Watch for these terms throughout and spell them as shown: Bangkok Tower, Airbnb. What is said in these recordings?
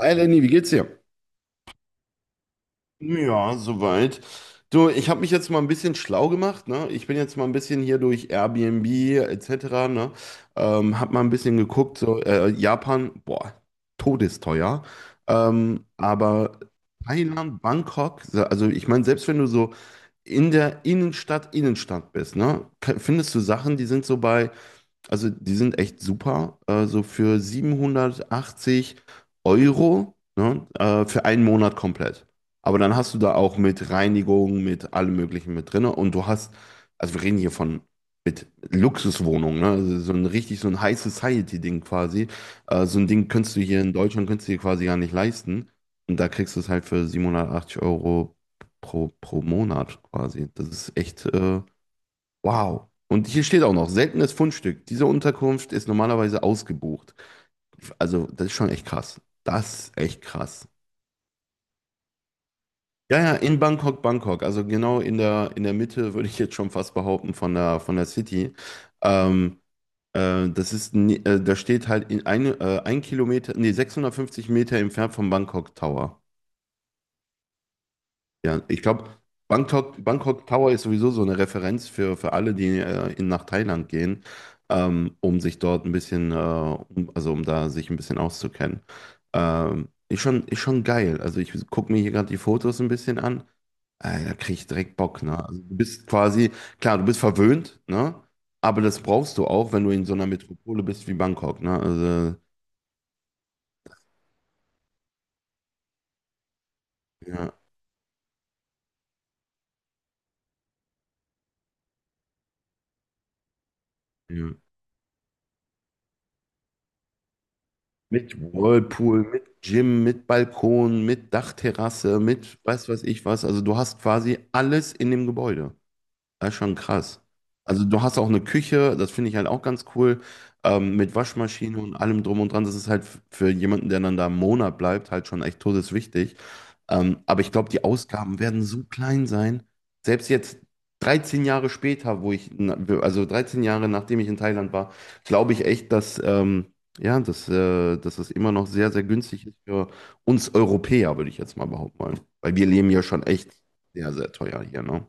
Hi Lenny, wie geht's dir? Ja, soweit. Du, ich habe mich jetzt mal ein bisschen schlau gemacht, ne? Ich bin jetzt mal ein bisschen hier durch Airbnb etc., ne? Hab mal ein bisschen geguckt, so Japan, boah, todesteuer. Aber Thailand, Bangkok, also ich meine, selbst wenn du so in der Innenstadt bist, ne? Findest du Sachen, die sind so bei, also die sind echt super. Also für 780 Euro, ne, für einen Monat komplett. Aber dann hast du da auch mit Reinigung, mit allem Möglichen mit drin. Und du hast, also wir reden hier von mit Luxuswohnung, ne? Also so ein richtig so ein High Society-Ding quasi. So ein Ding könntest du hier in Deutschland, könntest du dir quasi gar nicht leisten. Und da kriegst du es halt für 780 Euro pro Monat quasi. Das ist echt wow. Und hier steht auch noch, seltenes Fundstück. Diese Unterkunft ist normalerweise ausgebucht. Also, das ist schon echt krass. Das ist echt krass. Ja, ja, in Bangkok, Bangkok. Also genau in der Mitte, würde ich jetzt schon fast behaupten, von der City. Ähm, da steht halt ein Kilometer, nee, 650 Meter entfernt vom Bangkok Tower. Ja, ich glaube, Bangkok, Bangkok Tower ist sowieso so eine Referenz für alle, die nach Thailand gehen, um sich dort ein bisschen, um da sich ein bisschen auszukennen. Ist schon geil. Also ich gucke mir hier gerade die Fotos ein bisschen an. Da kriege ich direkt Bock, ne? Also du bist quasi, klar, du bist verwöhnt, ne? Aber das brauchst du auch, wenn du in so einer Metropole bist wie Bangkok, ne? Also, ja, ja. Mit Whirlpool, mit Gym, mit Balkon, mit Dachterrasse, mit weiß was ich was. Also du hast quasi alles in dem Gebäude. Das ist schon krass. Also du hast auch eine Küche, das finde ich halt auch ganz cool, mit Waschmaschine und allem drum und dran. Das ist halt für jemanden, der dann da einen Monat bleibt, halt schon echt todeswichtig. Aber ich glaube, die Ausgaben werden so klein sein. Selbst jetzt 13 Jahre später, also 13 Jahre nachdem ich in Thailand war, glaube ich echt, ja, dass das immer noch sehr, sehr günstig ist für uns Europäer, würde ich jetzt mal behaupten wollen. Weil wir leben ja schon echt sehr, sehr teuer hier, ne?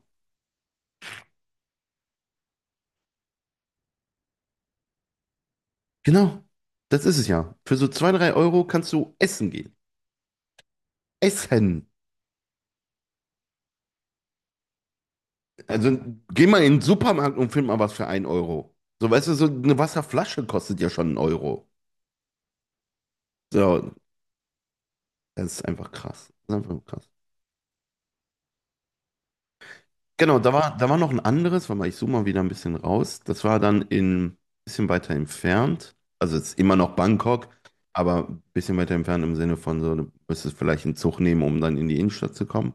Genau, das ist es ja. Für so zwei, drei Euro kannst du essen gehen. Essen. Also geh mal in den Supermarkt und find mal was für einen Euro. So, weißt du, so eine Wasserflasche kostet ja schon einen Euro. So, das ist einfach krass. Das ist einfach krass. Genau, da war noch ein anderes, warte mal, ich zoome mal wieder ein bisschen raus. Das war dann bisschen weiter entfernt. Also es ist immer noch Bangkok, aber ein bisschen weiter entfernt im Sinne von so, du müsstest vielleicht einen Zug nehmen, um dann in die Innenstadt zu kommen.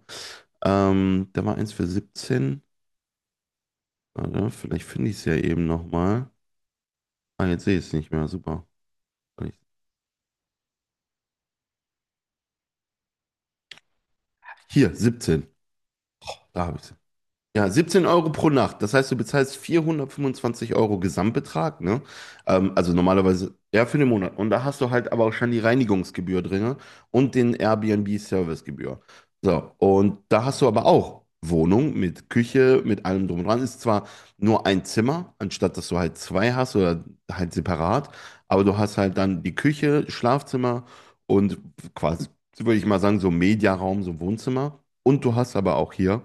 Da war eins für 17. Warte, vielleicht finde ich es ja eben nochmal. Ah, jetzt sehe ich es nicht mehr. Super. Hier, 17. Da habe ich es. Ja, 17 Euro pro Nacht. Das heißt, du bezahlst 425 Euro Gesamtbetrag, ne? Also normalerweise, ja, für den Monat. Und da hast du halt aber auch schon die Reinigungsgebühr drin und den Airbnb-Servicegebühr. So, und da hast du aber auch Wohnung mit Küche, mit allem drum und dran. Ist zwar nur ein Zimmer, anstatt dass du halt zwei hast oder halt separat, aber du hast halt dann die Küche, Schlafzimmer und quasi, würde ich mal sagen, so Mediaraum, so Wohnzimmer. Und du hast aber auch hier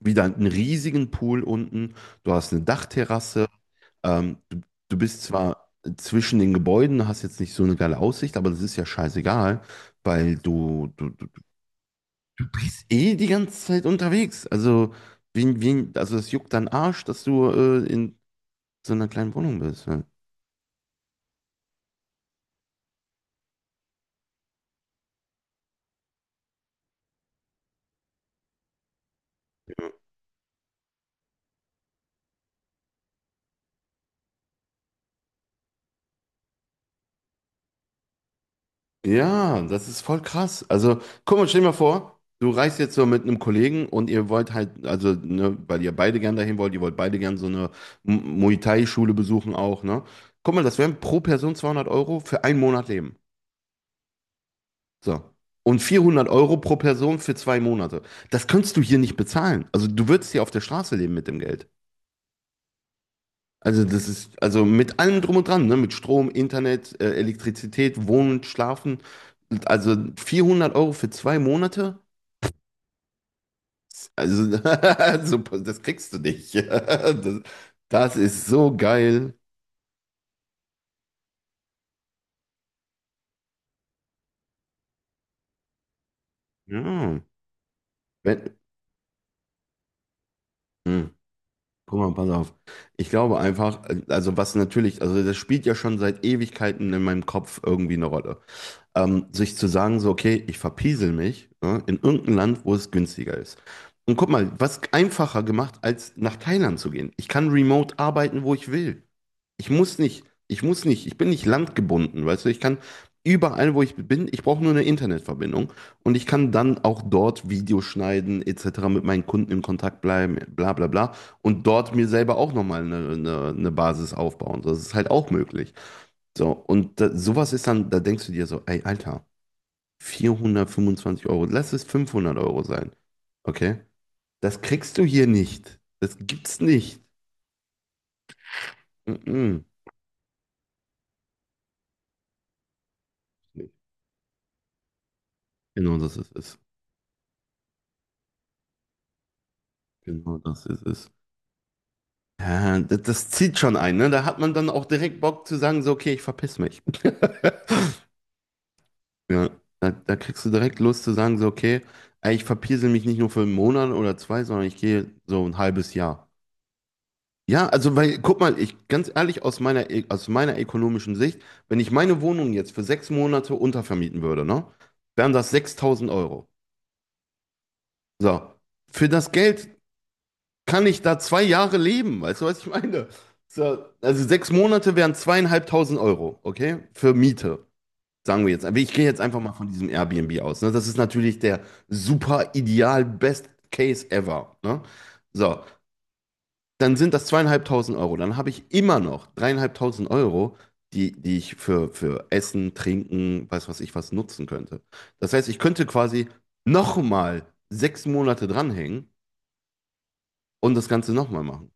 wieder einen riesigen Pool unten, du hast eine Dachterrasse, ähm, du, du bist zwar zwischen den Gebäuden, hast jetzt nicht so eine geile Aussicht, aber das ist ja scheißegal, weil du bist eh die ganze Zeit unterwegs. Also, also das juckt deinen Arsch, dass du in so einer kleinen Wohnung bist. Ja. Ja, das ist voll krass. Also, guck mal, stell dir mal vor, du reist jetzt so mit einem Kollegen und ihr wollt halt, also, ne, weil ihr beide gern dahin wollt, ihr wollt beide gern so eine Muay Thai-Schule besuchen auch, ne? Guck mal, das wären pro Person 200 Euro für einen Monat Leben. So. Und 400 Euro pro Person für zwei Monate. Das könntest du hier nicht bezahlen. Also, du würdest hier auf der Straße leben mit dem Geld. Also, das ist, also mit allem drum und dran, ne? Mit Strom, Internet, Elektrizität, Wohnen, Schlafen. Also 400 Euro für zwei Monate? Also, super, das kriegst du nicht. Das ist so geil. Ja. Wenn, hm. Guck mal, pass auf. Ich glaube einfach, also was natürlich, also das spielt ja schon seit Ewigkeiten in meinem Kopf irgendwie eine Rolle. Sich zu sagen, so, okay, ich verpiesel mich, ne, in irgendein Land, wo es günstiger ist. Und guck mal, was einfacher gemacht, als nach Thailand zu gehen. Ich kann remote arbeiten, wo ich will. Ich muss nicht, ich bin nicht landgebunden, weißt du, ich kann überall, wo ich bin, ich brauche nur eine Internetverbindung und ich kann dann auch dort Videos schneiden, etc., mit meinen Kunden in Kontakt bleiben, bla bla bla und dort mir selber auch nochmal eine Basis aufbauen. Das ist halt auch möglich. So, und da, sowas ist dann, da denkst du dir so, ey, Alter, 425 Euro, lass es 500 Euro sein. Okay? Das kriegst du hier nicht. Das gibt's nicht. Mm-mm. Genau das ist es. Genau, das ist es. Ja, das zieht schon ein, ne? Da hat man dann auch direkt Bock zu sagen, so, okay, ich verpiss mich. Ja, da kriegst du direkt Lust zu sagen, so, okay, ey, ich verpiesel mich nicht nur für einen Monat oder zwei, sondern ich gehe so ein halbes Jahr. Ja, also, weil, guck mal, ich, ganz ehrlich, aus meiner ökonomischen Sicht, wenn ich meine Wohnung jetzt für 6 Monate untervermieten würde, ne, wären das 6000 Euro. So. Für das Geld kann ich da 2 Jahre leben? Weißt du, was ich meine? So, also 6 Monate wären 2500 Euro, okay? Für Miete, sagen wir jetzt. Aber ich gehe jetzt einfach mal von diesem Airbnb aus. Ne? Das ist natürlich der super ideal Best Case ever. Ne? So, dann sind das 2500 Euro. Dann habe ich immer noch 3500 Euro, die ich für Essen, Trinken, weiß was ich was nutzen könnte. Das heißt, ich könnte quasi nochmal 6 Monate dranhängen und das Ganze nochmal machen.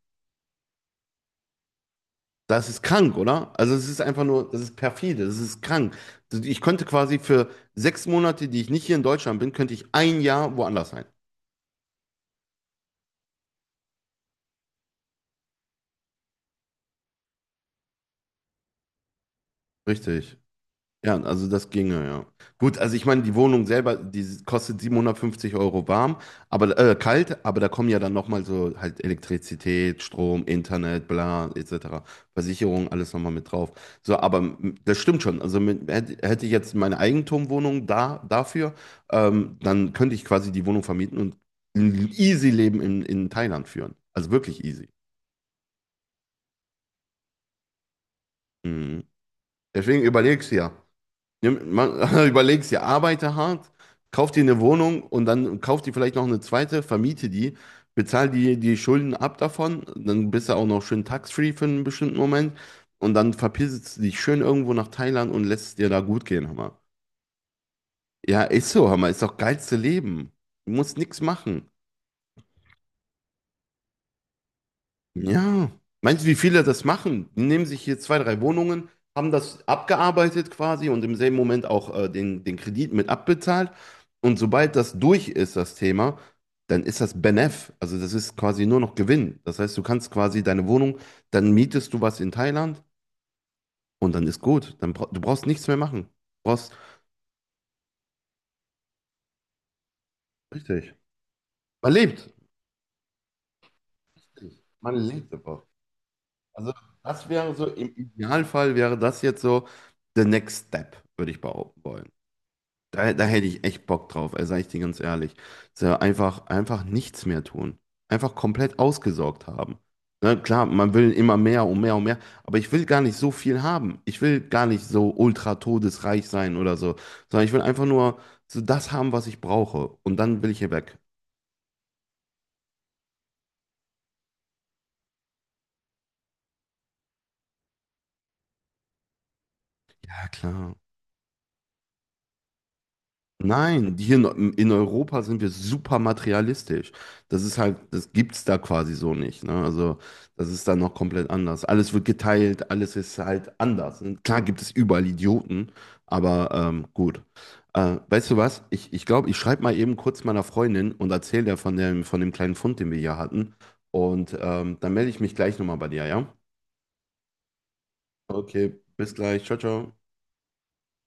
Das ist krank, oder? Also es ist einfach nur, das ist perfide, das ist krank. Also, ich könnte quasi für 6 Monate, die ich nicht hier in Deutschland bin, könnte ich ein Jahr woanders sein. Richtig. Ja, also das ginge, ja. Gut, also ich meine, die Wohnung selber, die kostet 750 Euro warm, aber kalt, aber da kommen ja dann nochmal so halt Elektrizität, Strom, Internet, bla, etc. Versicherung, alles nochmal mit drauf. So, aber das stimmt schon. Also hätte ich jetzt meine Eigentumwohnung da dafür, dann könnte ich quasi die Wohnung vermieten und ein easy Leben in Thailand führen. Also wirklich easy. Mhm. Deswegen überleg's ja. Man, überlegst dir, arbeite hart, kauf dir eine Wohnung und dann kauf dir vielleicht noch eine zweite, vermiete die, bezahl die Schulden ab davon, dann bist du auch noch schön tax-free für einen bestimmten Moment und dann verpisst du dich schön irgendwo nach Thailand und lässt es dir da gut gehen, Hammer. Ja, ist so, Hammer, ist doch geilste Leben. Du musst nichts machen. Ja, meinst du, wie viele das machen? Die nehmen sich hier zwei, drei Wohnungen, haben das abgearbeitet quasi und im selben Moment auch den Kredit mit abbezahlt. Und sobald das durch ist, das Thema, dann ist das Benef. Also das ist quasi nur noch Gewinn. Das heißt, du kannst quasi deine Wohnung, dann mietest du was in Thailand und dann ist gut. Dann bra du brauchst nichts mehr machen. Du brauchst, richtig. Man lebt. Man lebt einfach. Also das wäre so, im Idealfall wäre das jetzt so the next step, würde ich behaupten wollen. Da hätte ich echt Bock drauf, also sag ich dir ganz ehrlich. So einfach, einfach nichts mehr tun. Einfach komplett ausgesorgt haben. Na klar, man will immer mehr und mehr und mehr, aber ich will gar nicht so viel haben. Ich will gar nicht so ultra todesreich sein oder so, sondern ich will einfach nur so das haben, was ich brauche. Und dann will ich hier weg. Ja, klar. Nein, hier in Europa sind wir super materialistisch. Das ist halt, das gibt's da quasi so nicht, ne? Also, das ist dann noch komplett anders. Alles wird geteilt, alles ist halt anders. Und klar gibt es überall Idioten, aber gut. Weißt du was? Ich glaube, ich schreibe mal eben kurz meiner Freundin und erzähle der von dem kleinen Fund, den wir hier hatten. Und dann melde ich mich gleich nochmal bei dir, ja? Okay, bis gleich. Ciao, ciao.